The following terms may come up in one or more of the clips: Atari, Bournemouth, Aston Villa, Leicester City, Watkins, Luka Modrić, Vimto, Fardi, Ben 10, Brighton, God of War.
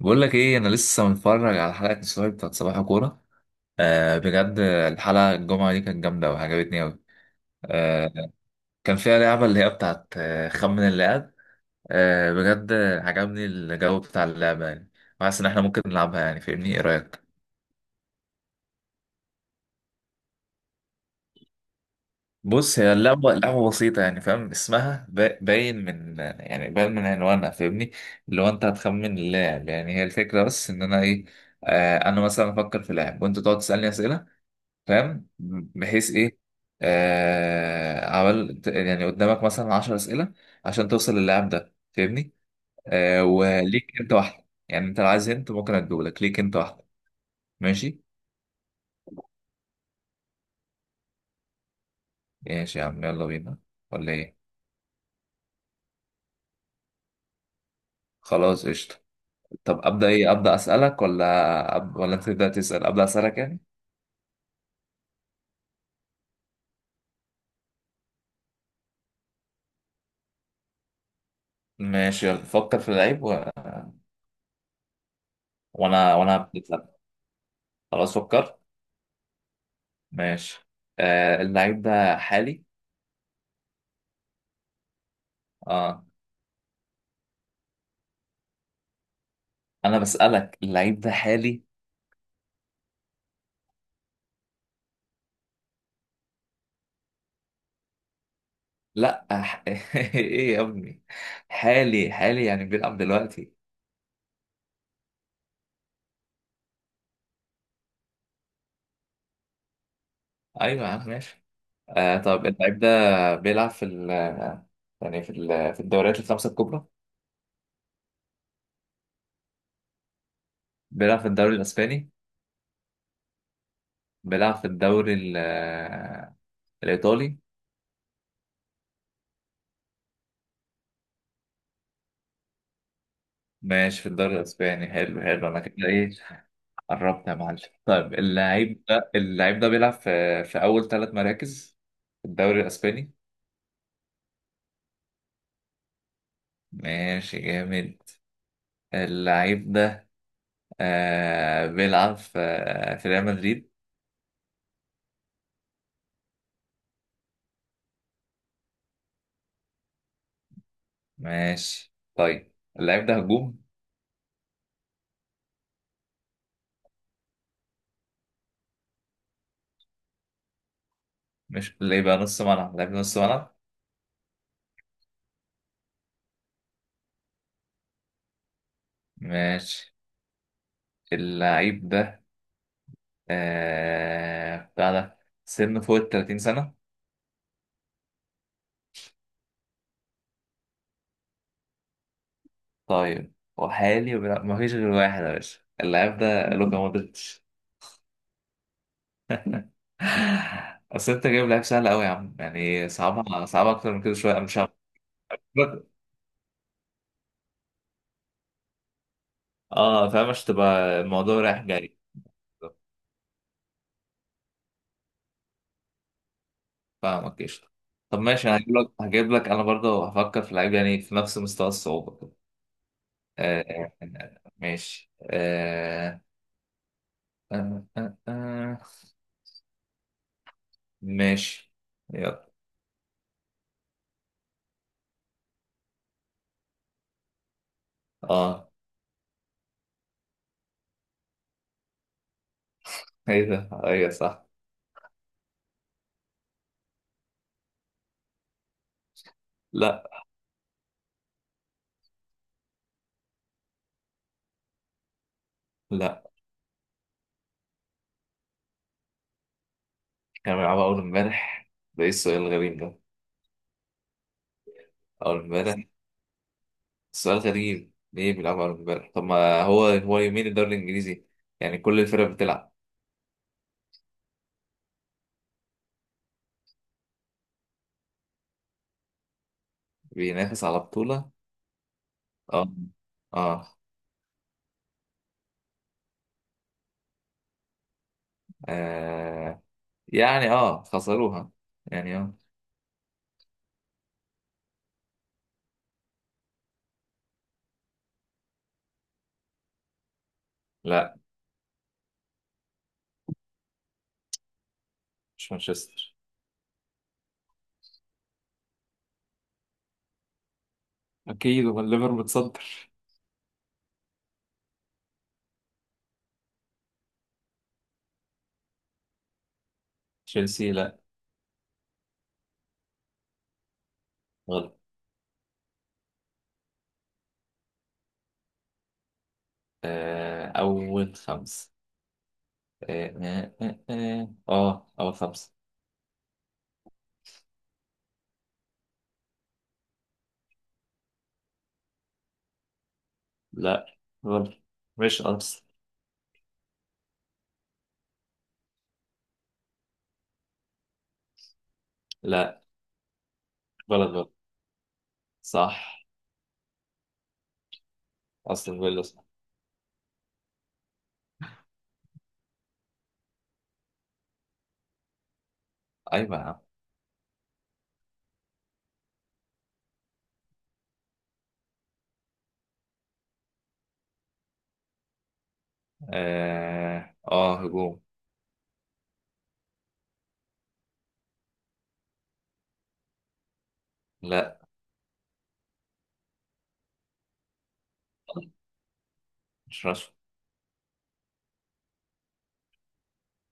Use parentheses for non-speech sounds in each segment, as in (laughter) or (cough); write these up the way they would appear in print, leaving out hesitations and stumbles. بقول لك ايه، انا لسه متفرج على حلقه السوبر بتاعت صباح كوره. آه، بجد الحلقه الجمعه دي كانت جامده وعجبتني قوي. آه، كان فيها لعبه اللي هي بتاعت خمن اللاعب. آه، بجد. عجبني الجو بتاع اللعبه يعني. وحاسس ان احنا ممكن نلعبها، يعني فاهمني؟ ايه رايك؟ بص، هي اللعبه لعبه بسيطه، يعني فاهم اسمها، باين من، يعني باين من عنوانها، فاهمني؟ اللي هو انت هتخمن اللاعب، يعني هي الفكره. بس ان انا ايه؟ آه، انا مثلا افكر في لاعب وانت تقعد تسالني اسئله، فاهم؟ بحيث ايه؟ آه، عمل يعني قدامك مثلا 10 اسئله عشان توصل للاعب ده، فاهمني؟ آه، وليك انت واحده، يعني انت لو عايز انت ممكن اديهولك، ليك انت واحده. ماشي. ماشي يا عم، يلا بينا. ولا ايه؟ خلاص قشطه. طب ابدا ايه؟ ابدا اسالك ولا ولا انت تبدا تسال؟ ابدا اسالك يعني. ماشي، يلا فكر في اللعيب. وانا هبدأ أسألك. خلاص فكر. ماشي. آه، اللعيب ده حالي؟ اه، انا بسالك اللعيب ده حالي. لا (laughs) ايه يا ابني؟ حالي حالي يعني بيلعب دلوقتي. ايوه يا عم، ماشي. آه، طب اللعيب ده بيلعب في ال يعني في ال في الدوريات الخمسة الكبرى؟ بيلعب في الدوري الاسباني؟ بيلعب في الدوري الايطالي. ماشي، في الدوري الاسباني. حلو حلو، انا كده ايه؟ قربت يا معلم. طيب اللعيب ده بيلعب في اول ثلاث مراكز في الدوري الاسباني. ماشي جامد. اللعيب ده بيلعب في ريال مدريد. ماشي طيب. اللعيب ده هجوم؟ مش اللي يبقى نص ملعب؟ اللعيب ده نص ملعب. ماشي. اللعيب ده، بتاع ده سنه فوق ال 30 سنة. طيب، وحالي وبيلعب، ما فيش غير واحد يا باشا. اللعيب ده لوكا مودريتش. (laughs) اصل انت جايب لعيب سهل قوي يا عم، يعني صعبها صعبها اكتر من كده شوية، مش عارف. اه فاهم، مش تبقى الموضوع رايح جاي. فاهمك قشطة. طب ماشي، انا هجيب لك، انا برضه هفكر في لعيب يعني في نفس مستوى الصعوبة كده. آه، آه، ماشي، آه، آه، آه، آه. ماشي. يلا. اه، ايه ده؟ ايوه صح. لا. لا، كانوا بيلعبوا اول امبارح. ده ايه السؤال الغريب ده؟ اول امبارح، سؤال غريب. ليه بيلعبوا اول امبارح؟ طب ما هو، هو يومين الدوري الانجليزي، يعني كل الفرق بتلعب. بينافس على بطولة. اه، اه، آه. يعني اه خسروها، يعني اه. لا، مش مانشستر. اكيد هو الليفر متصدر. تشيلسي لا. غلط. آه، اول خمس. اه، اه، اه، آه. آه، اول خمس. لا. غلط، مش ارسنال. لا. غلط غلط. صح. اصلا فيلا صح. ايوه يا عم. اه، آه، هجوم. لا، مش راشفورد.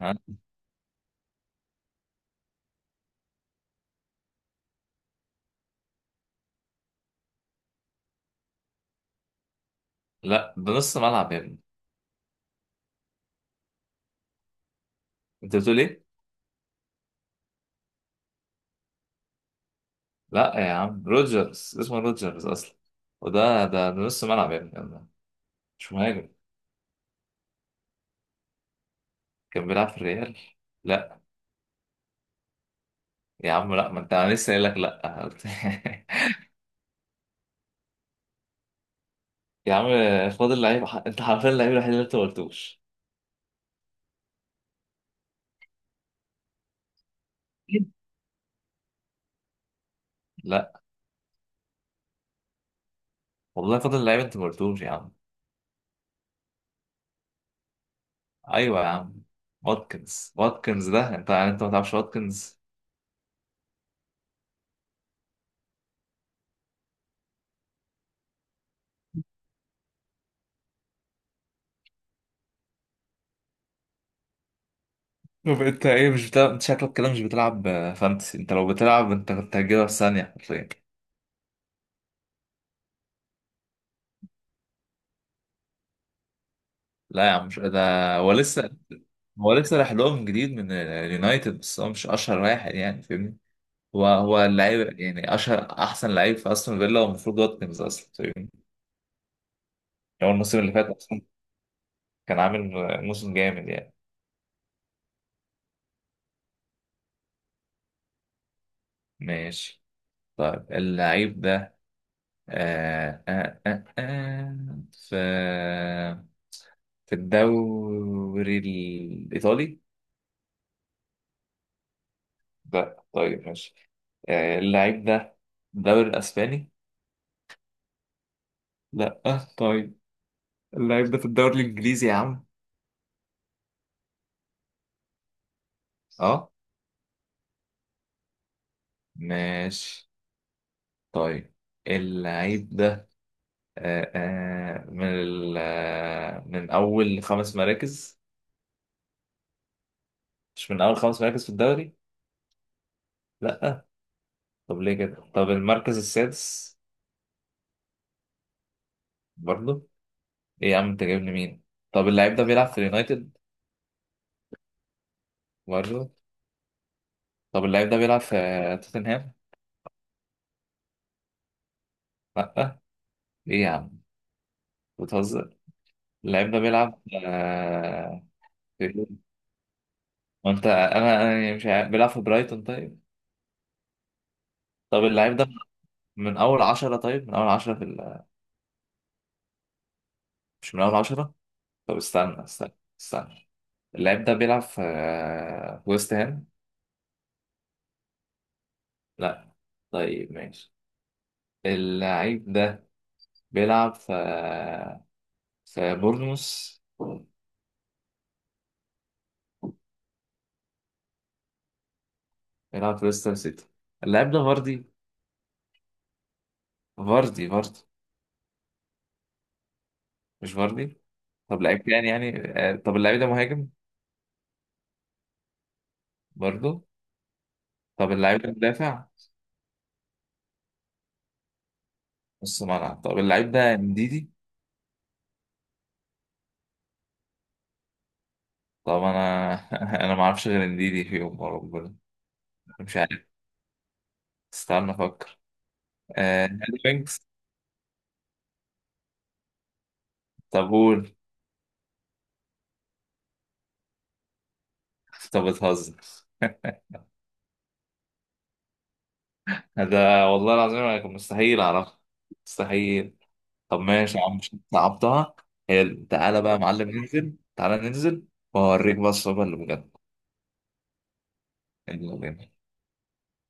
ها. لا، ده نص ملعب يا ابني. انت بتقول ايه؟ لا يا عم، روجرز اسمه روجرز اصلا. وده ده ده نص ملعب يا ابني. مش مهاجم، كان بيلعب في الريال. لا يا عم، لا، ما انت انا لسه قايل لك لا. (laughs) يا عم. فاضل لعيب، انت حرفيا اللعيب الوحيد اللي انت ما قلتوش. (laughs) لا والله، فاضل لعيب انت ما قلتوش يا عم. ايوه يا عم. واتكنز، واتكنز ده انت يعني، انت ما تعرفش واتكنز؟ طب انت ايه، مش بتلعب؟ انت شكلك كده مش بتلعب فانتسي. انت لو بتلعب انت كنت هتجيبها في ثانيه حرفيا. لا يا عم، مش ده. هو لسه هو لسه راح لهم جديد من اليونايتد، بس هو مش اشهر واحد يعني، فاهمني؟ هو هو اللعيب يعني، اشهر احسن لعيب في استون فيلا، والمفروض واتكنز اصلا فاهمني يعني. هو الموسم اللي فات اصلا كان عامل موسم جامد يعني. ماشي طيب. اللعيب ده آه آه آه آه في في الدوري الايطالي؟ لا. طيب ماشي. اللعيب ده في الدوري الاسباني؟ لا. طيب، اللعيب ده في الدوري الانجليزي يا عم. اه، ماشي طيب. اللعيب ده، آه، آه، من ال- آه، من أول خمس مراكز؟ مش من أول خمس مراكز في الدوري. لا. طب ليه كده؟ طب المركز السادس؟ برضه. إيه يا عم، أنت جايب لي مين؟ طب اللعيب ده بيلعب في اليونايتد؟ برضه. طب اللعيب ده بيلعب في توتنهام. لا. إيه يا عم، بتهزر؟ اللعيب ده بيلعب في. وأنت، أنا يعني مش عارف، بيلعب في برايتون طيب؟ طب اللعيب ده من أول عشرة؟ طيب، من أول عشرة في مش من أول عشرة. طب استنى، استنى، استنى. اللاعب ده بيلعب في ويست هام. لا. طيب ماشي. اللاعب ده بيلعب في بورنموث؟ بيلعب في ليستر سيتي. اللاعب ده فاردي؟ فاردي فاردي. مش فاردي. طب لعيب تاني يعني، طب اللاعب ده مهاجم؟ برضه. طب اللاعب ده مدافع؟ نص ملعب. طب اللاعب ده انديدي؟ طب انا (laughs) انا ما اعرفش غير انديدي فيهم يوم ربنا. مش عارف، استنى افكر. آه... وينجز؟ طب قول. طب بتهزر. (laughs) ده والله العظيم أنا كان مستحيل اعرفها. مستحيل. طب ماشي يا عم، مش صعبتها. حلو، تعالى بقى يا معلم، ننزل. تعالى ننزل. واوريك بقى الصعوبة اللي بجد. يلا بينا.